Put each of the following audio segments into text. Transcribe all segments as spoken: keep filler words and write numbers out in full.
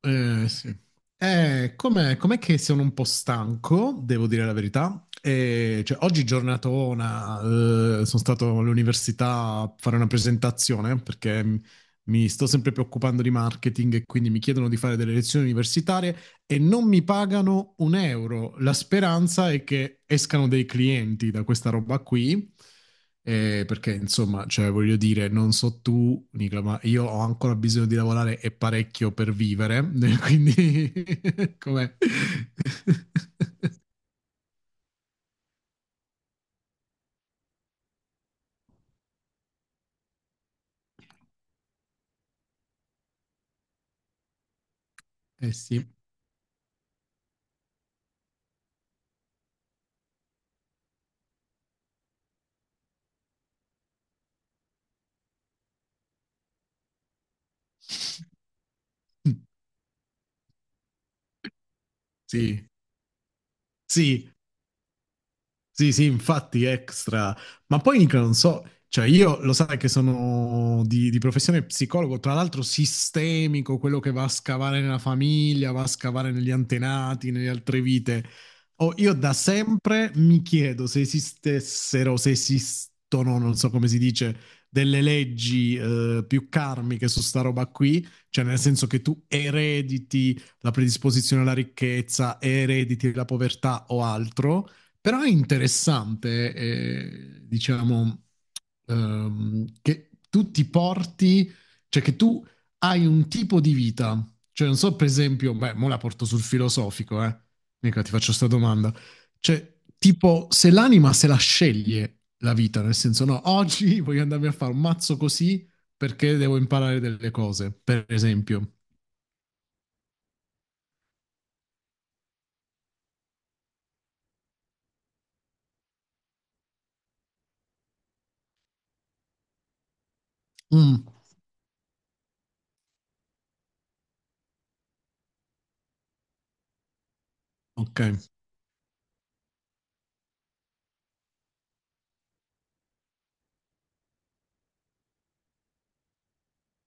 Eh, sì. Eh, com'è, com'è che sono un po' stanco, devo dire la verità. E, cioè, oggi giornatona, eh, sono stato all'università a fare una presentazione perché m- mi sto sempre preoccupando di marketing e quindi mi chiedono di fare delle lezioni universitarie e non mi pagano un euro. La speranza è che escano dei clienti da questa roba qui. Eh, perché insomma, cioè, voglio dire, non so tu, Nicola, ma io ho ancora bisogno di lavorare e parecchio per vivere, quindi com'è? Eh sì. Sì, sì, Sì, sì, infatti extra. Ma poi Nicola, non so, cioè io lo sai che sono di, di professione psicologo, tra l'altro sistemico, quello che va a scavare nella famiglia, va a scavare negli antenati, nelle altre vite. Oh, io da sempre mi chiedo se esistessero, se esistono, non so come si dice, delle leggi eh, più karmiche su sta roba qui, cioè nel senso che tu erediti la predisposizione alla ricchezza, erediti la povertà o altro. Però è interessante, eh, diciamo, ehm, che tu ti porti, cioè che tu hai un tipo di vita. Cioè, non so, per esempio, beh, mo la porto sul filosofico, eh. Mica ti faccio questa domanda. Cioè, tipo, se l'anima se la sceglie la vita, nel senso, no, oggi voglio andarmi a fare un mazzo così perché devo imparare delle cose, per esempio. Mm, ok,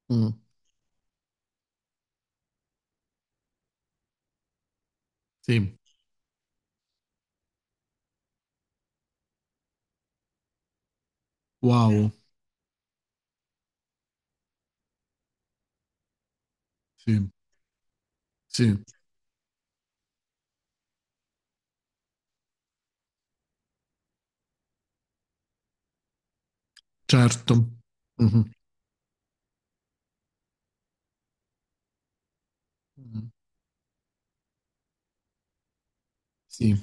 mm, sì, wow, sì, sì, certo. Mhm. Mm. Sì.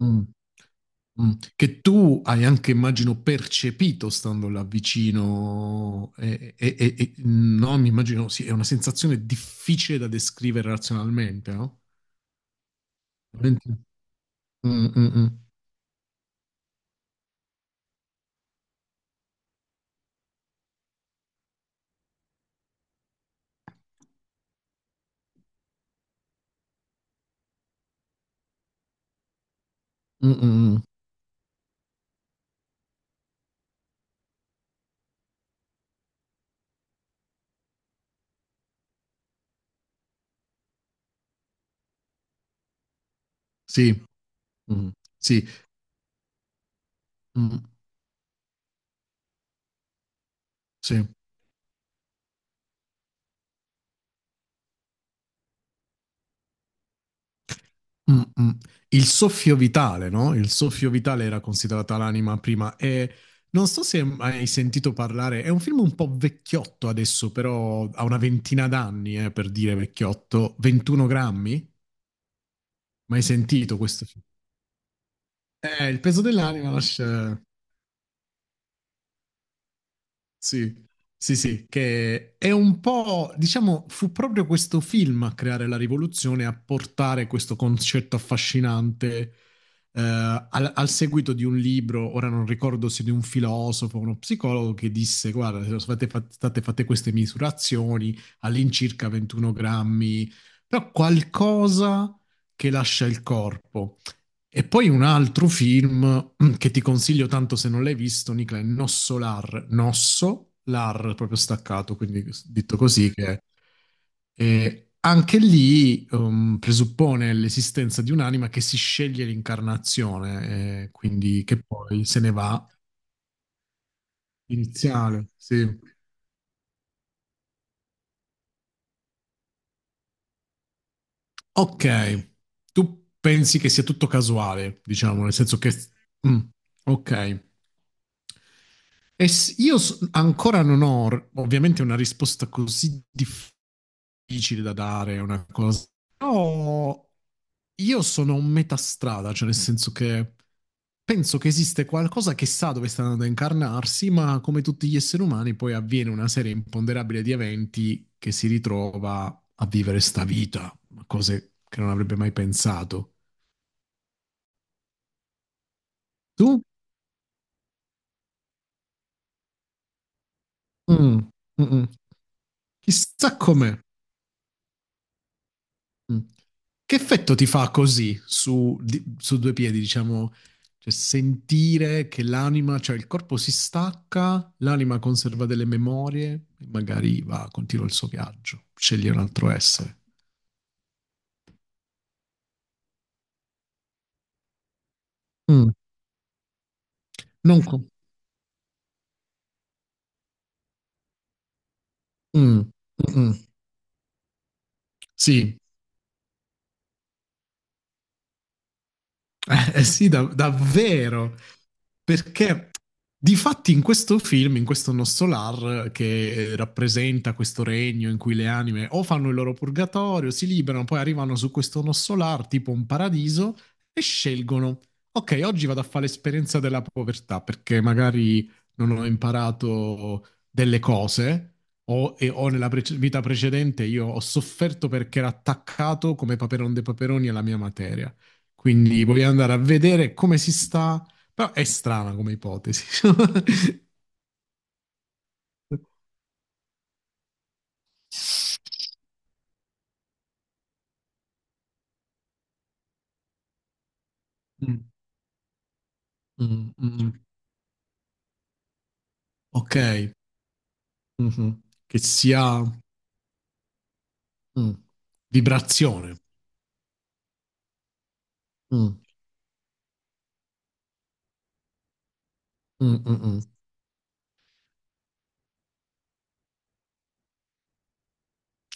Mm. Mm. Che tu hai anche, immagino, percepito stando là vicino, e, e- e- e- no, mi immagino, sì, è una sensazione difficile da descrivere razionalmente, no? Veramente. Mm, mm, mm. Mm, mm, mm. Sì, Mm, sì, Mm, sì. Mm, mm. Il soffio vitale, no? Il soffio vitale era considerata l'anima prima e non so se hai sentito parlare, è un film un po' vecchiotto adesso, però ha una ventina d'anni, eh, per dire vecchiotto, ventuno grammi? Mai sentito questo film? Eh, il peso dell'anima lascia... Sì, sì, sì, che è un po', diciamo, fu proprio questo film a creare la rivoluzione, a portare questo concetto affascinante, eh, al, al seguito di un libro, ora non ricordo se di un filosofo o uno psicologo, che disse, guarda, se state fa- state fatte queste misurazioni all'incirca ventuno grammi, però qualcosa che lascia il corpo. E poi un altro film che ti consiglio tanto se non l'hai visto, Nicola, è Nossolar. Nosso, l'ar proprio staccato, quindi detto così, che eh, anche lì um, presuppone l'esistenza di un'anima che si sceglie l'incarnazione, eh, quindi che poi se ne va. Iniziale, sì. Ok, tu pensi che sia tutto casuale, diciamo, nel senso che... mm, ok. E s- io s- ancora non ho r- ovviamente una risposta così difficile da dare, è una cosa. Però io sono un metà strada, cioè nel senso che penso che esiste qualcosa che sa dove sta andando a incarnarsi, ma come tutti gli esseri umani poi avviene una serie imponderabile di eventi che si ritrova a vivere sta vita, cose che non avrebbe mai pensato. Tu? Mm, mm, mm. Chissà com'è. Mm. Che effetto ti fa così su, di- su due piedi, diciamo, cioè sentire che l'anima, cioè il corpo si stacca, l'anima conserva delle memorie e magari va, continua il suo viaggio, sceglie un altro essere. Mm. Non co- Mm. Mm-mm. Sì, Eh, eh, sì, da- davvero. Perché difatti in questo film, in questo Nostolar, che eh, rappresenta questo regno in cui le anime o fanno il loro purgatorio, si liberano, poi arrivano su questo Nostolar, tipo un paradiso, e scelgono, ok, oggi vado a fare l'esperienza della povertà, perché magari non ho imparato delle cose. O, e- o nella prece- vita precedente io ho sofferto perché ero attaccato come Paperon de Paperoni alla mia materia. Quindi voglio andare a vedere come si sta. Però è strana come ipotesi. Mm, mm, mm. Ok, Mhm. Che sia mm, vibrazione. Mm, mm, mm, mm.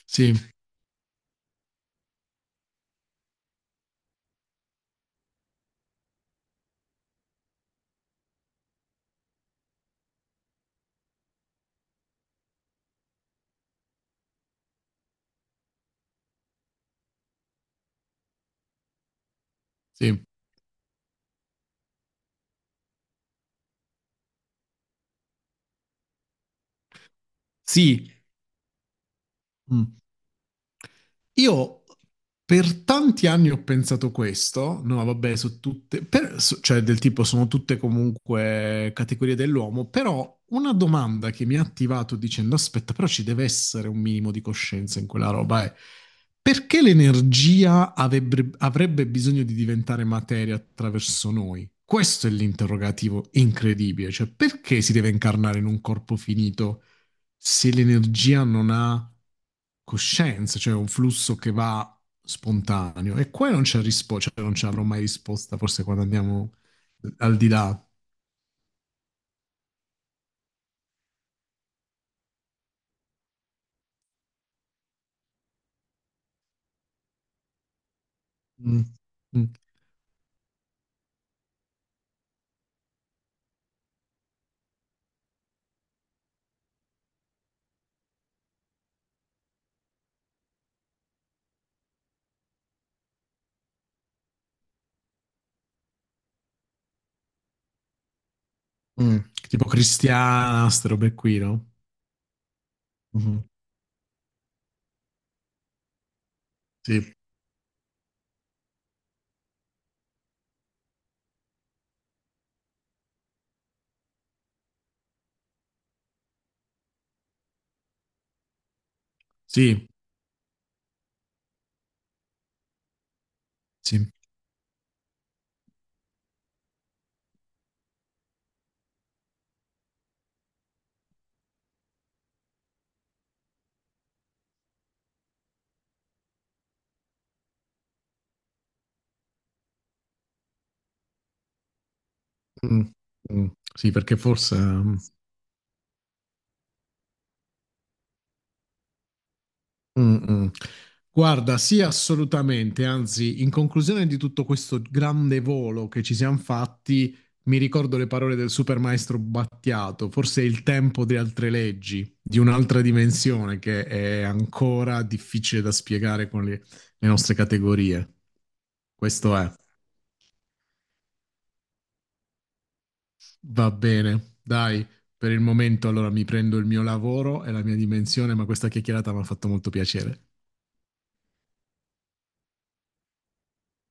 Sì, sì, sì. Mm. Io per tanti anni ho pensato questo, no, vabbè, su tutte, per- su- cioè del tipo sono tutte comunque categorie dell'uomo, però una domanda che mi ha attivato dicendo aspetta, però ci deve essere un minimo di coscienza in quella roba è perché l'energia avrebbe, avrebbe bisogno di diventare materia attraverso noi? Questo è l'interrogativo incredibile, cioè perché si deve incarnare in un corpo finito? Se l'energia non ha coscienza, cioè un flusso che va spontaneo. E qua non c'è risposta, cioè non ci avrò mai risposta, forse quando andiamo al di là. Mm. Mm. Mm. Tipo cristiana, ste robe qui, no? Mhm. Sì, sì, sì, Mm. Mm. Sì, perché forse... mm, Mm, mm. Guarda, sì, assolutamente. Anzi, in conclusione di tutto questo grande volo che ci siamo fatti, mi ricordo le parole del supermaestro Battiato. Forse è il tempo di altre leggi, di un'altra dimensione che è ancora difficile da spiegare con le, le nostre categorie. Questo è. Va bene, dai, per il momento allora mi prendo il mio lavoro e la mia dimensione, ma questa chiacchierata mi ha fatto molto piacere.